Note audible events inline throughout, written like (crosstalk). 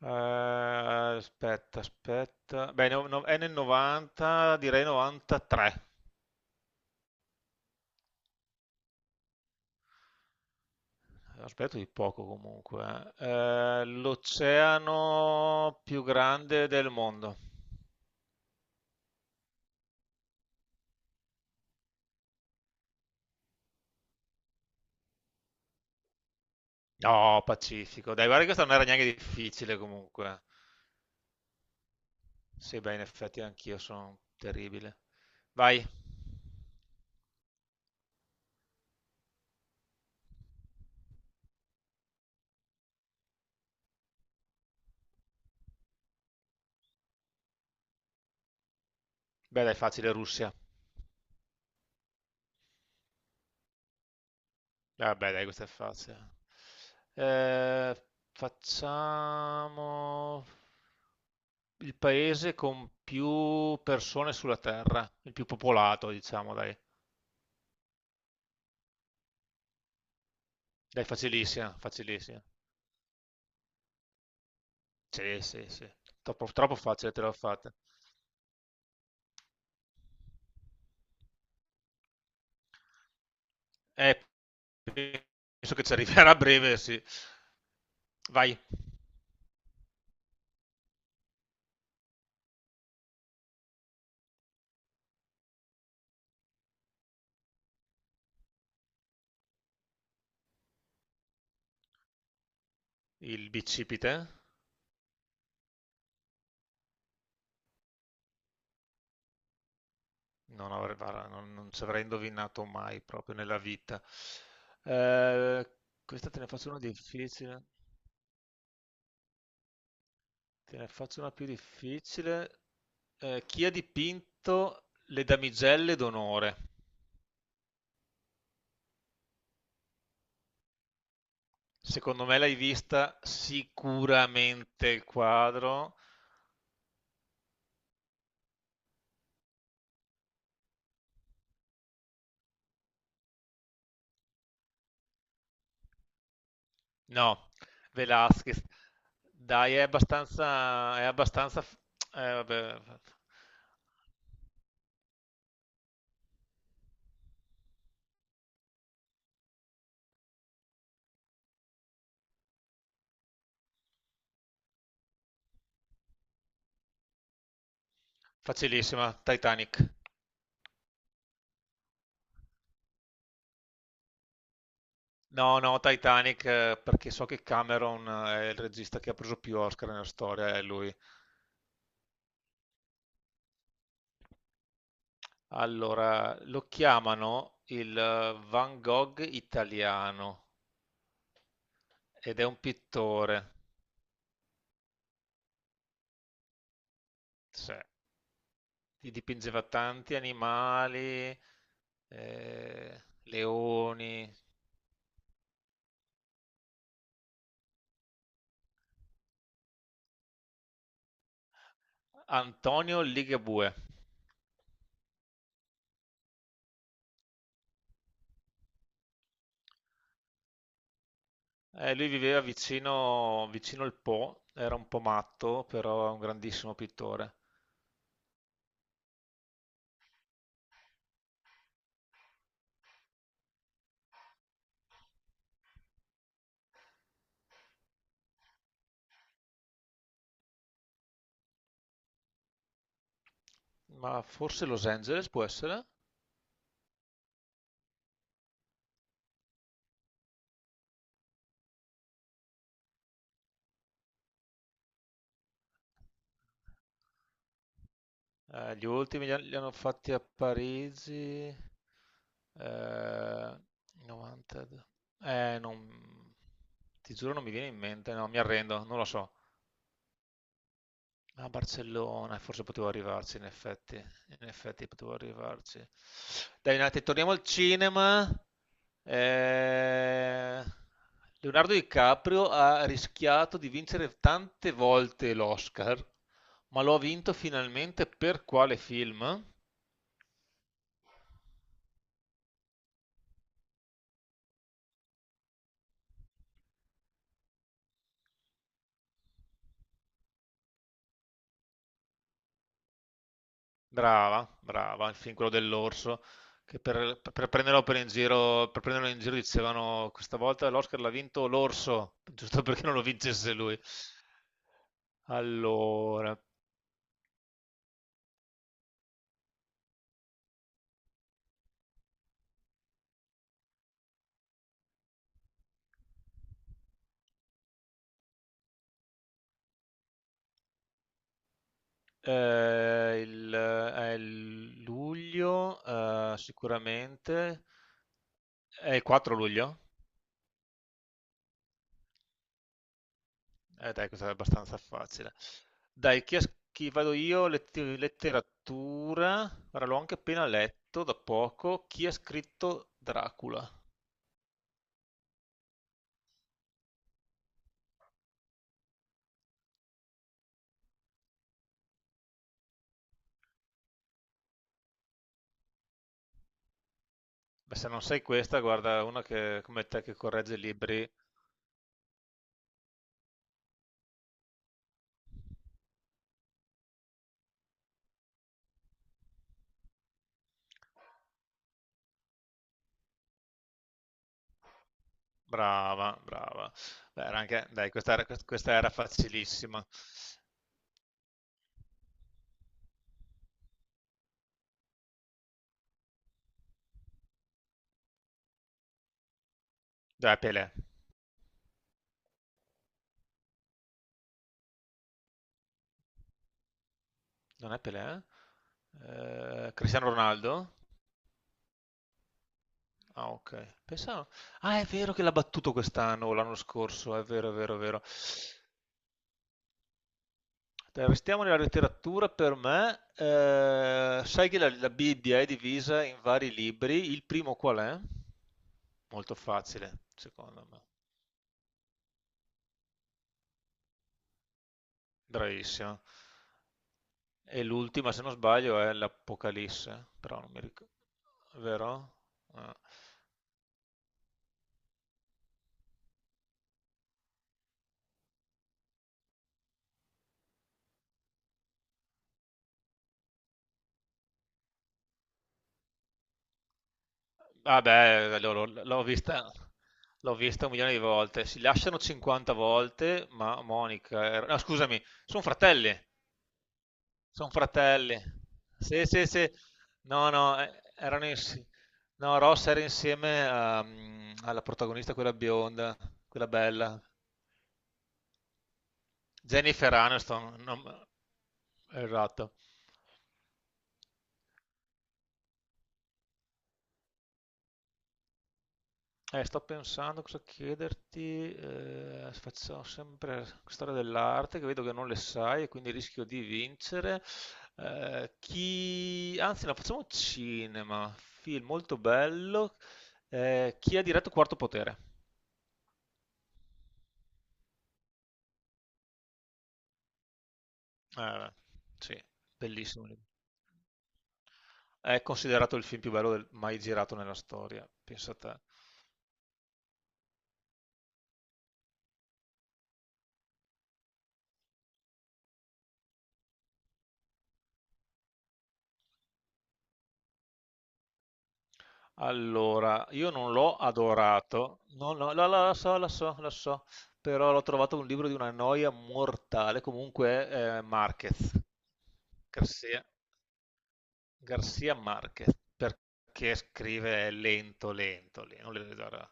Aspetta, aspetta. Beh, è nel 90, direi 93. Aspetto di poco comunque. L'oceano più grande del mondo. No, Pacifico. Dai, guarda che questa non era neanche difficile comunque. Sì, beh, in effetti anch'io sono terribile. Vai. Beh, dai, facile, Russia. Vabbè, dai, questa è facile. Eh, facciamo il paese con più persone sulla Terra, il più popolato, diciamo, dai. Dai, facilissima, facilissima. Sì, sì, sì. Troppo, troppo facile te l'ho fatta. Eh, Penso che ci arriverà a breve, sì. Vai. Il bicipite. Non avrei, guarda, non ci avrei indovinato mai proprio nella vita. Eh, Questa te ne faccio una difficile. Te ne faccio una più difficile. Chi ha dipinto le damigelle d'onore? Secondo me l'hai vista sicuramente il quadro. No, Velázquez. Dai, è abbastanza, vabbè, facilissima. Titanic. No, no, Titanic, perché so che Cameron è il regista che ha preso più Oscar nella storia, è lui. Allora, lo chiamano il Van Gogh italiano ed è un pittore. Sì. Gli dipingeva tanti animali, leoni. Antonio Ligabue. Lui viveva vicino, vicino al Po, era un po' matto, però è un grandissimo pittore. Ma forse Los Angeles può essere? Gli ultimi li hanno fatti a Parigi. Eh, 90. Non... Ti giuro non mi viene in mente, no, mi arrendo, non lo so. A Barcellona, forse potevo arrivarci, in effetti. In effetti potevo arrivarci. Dai, un attimo, torniamo al cinema. Eh, Leonardo DiCaprio ha rischiato di vincere tante volte l'Oscar, ma lo ha vinto finalmente per quale film? Brava, brava, il film quello dell'orso, che per prenderlo per in giro, per prenderlo in giro dicevano questa volta l'Oscar l'ha vinto l'orso, (laughs) giusto perché non lo vincesse lui. Allora, è il luglio, sicuramente, è il 4 luglio. Dai, questa è abbastanza facile. Dai, chi vado io? Letteratura, ora l'ho anche appena letto da poco, chi ha scritto Dracula? Beh, se non sai questa, guarda, una che, come te che corregge libri, brava, brava. Beh, era anche, dai, questa era facilissima. Dai, Pelé. Non è Pelé? Cristiano Ronaldo? Ah, ok. Pensavo. Ah, è vero che l'ha battuto quest'anno o l'anno scorso, è vero, è vero, è vero. Dai, restiamo nella letteratura per me. Sai che la Bibbia è divisa in vari libri. Il primo qual è? Molto facile, secondo me. Bravissimo. E l'ultima, se non sbaglio, è l'Apocalisse, però non mi ricordo, vero? Ah, vabbè, l'ho vista, l'ho vista un milione di volte. Si lasciano 50 volte, ma Monica. No, scusami, sono fratelli, sono fratelli. Sì, sì, sì. No, no, erano insieme. No, Ross era insieme alla protagonista, quella bionda, quella bella, Jennifer Aniston. Esatto. Sto pensando cosa chiederti, facciamo sempre storia dell'arte che vedo che non le sai e quindi rischio di vincere. Anzi, no, facciamo cinema, film molto bello. Chi ha diretto Quarto Potere? Eh, sì, bellissimo. È considerato il film più bello mai girato nella storia, pensa te. Allora, io non l'ho adorato, no, no, la so, la so, la so, però l'ho trovato un libro di una noia mortale, comunque Márquez, Garcia, Garcia Márquez, perché scrive lento, lento, lento, non le- guarda.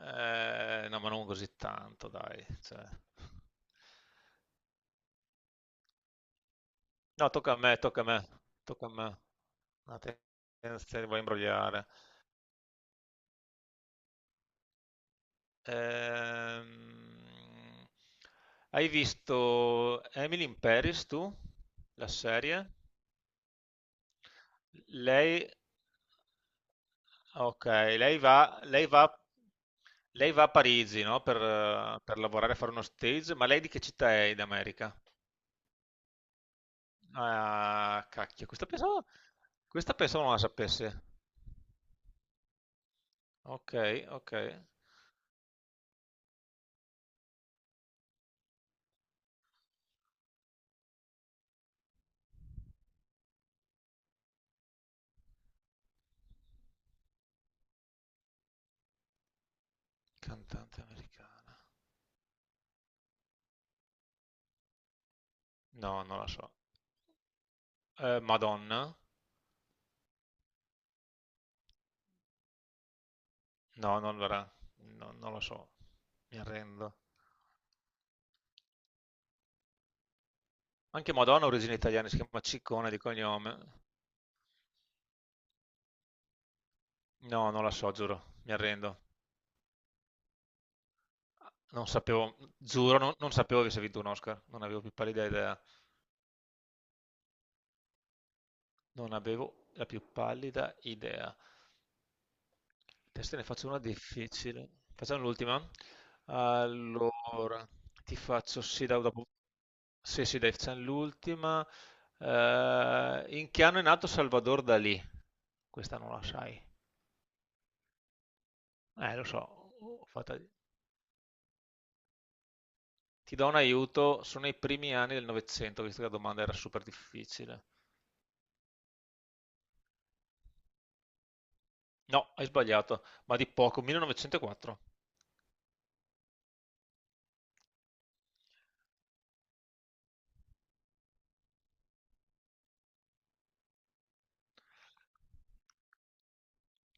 No, ma non così tanto, dai, cioè. No, tocca a me, tocca a me, tocca a me, attenzione, ti voglio imbrogliare. Ehm, Hai visto Emily in Paris tu? La serie? Lei, ok, lei va, lei va, lei va a Parigi, no? Per lavorare, fare uno stage, ma lei di che città è in America? Ah, cacchio, questa pensavo non la sapesse. Ok, ok. Cantante americana. No, non la so. Madonna? No, non, verrà. No, non lo so. Mi arrendo. Anche Madonna ha origini italiane, si chiama Ciccone di cognome. No, non la so, giuro, mi arrendo. Non sapevo, giuro, non sapevo che avesse vinto un Oscar, non avevo più pallida idea. Non avevo la più pallida idea. Adesso te ne faccio una difficile. Facciamo l'ultima. Allora, ti faccio sì dopo. Sì, sì, dai, facciamo l'ultima. In che anno è nato Salvador Dalì? Questa non la sai. Lo so. ho fatto- Ti do un aiuto, sono i primi anni del Novecento, visto che la domanda era super difficile. No, hai sbagliato, ma di poco, 1904.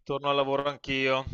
Torno al lavoro anch'io.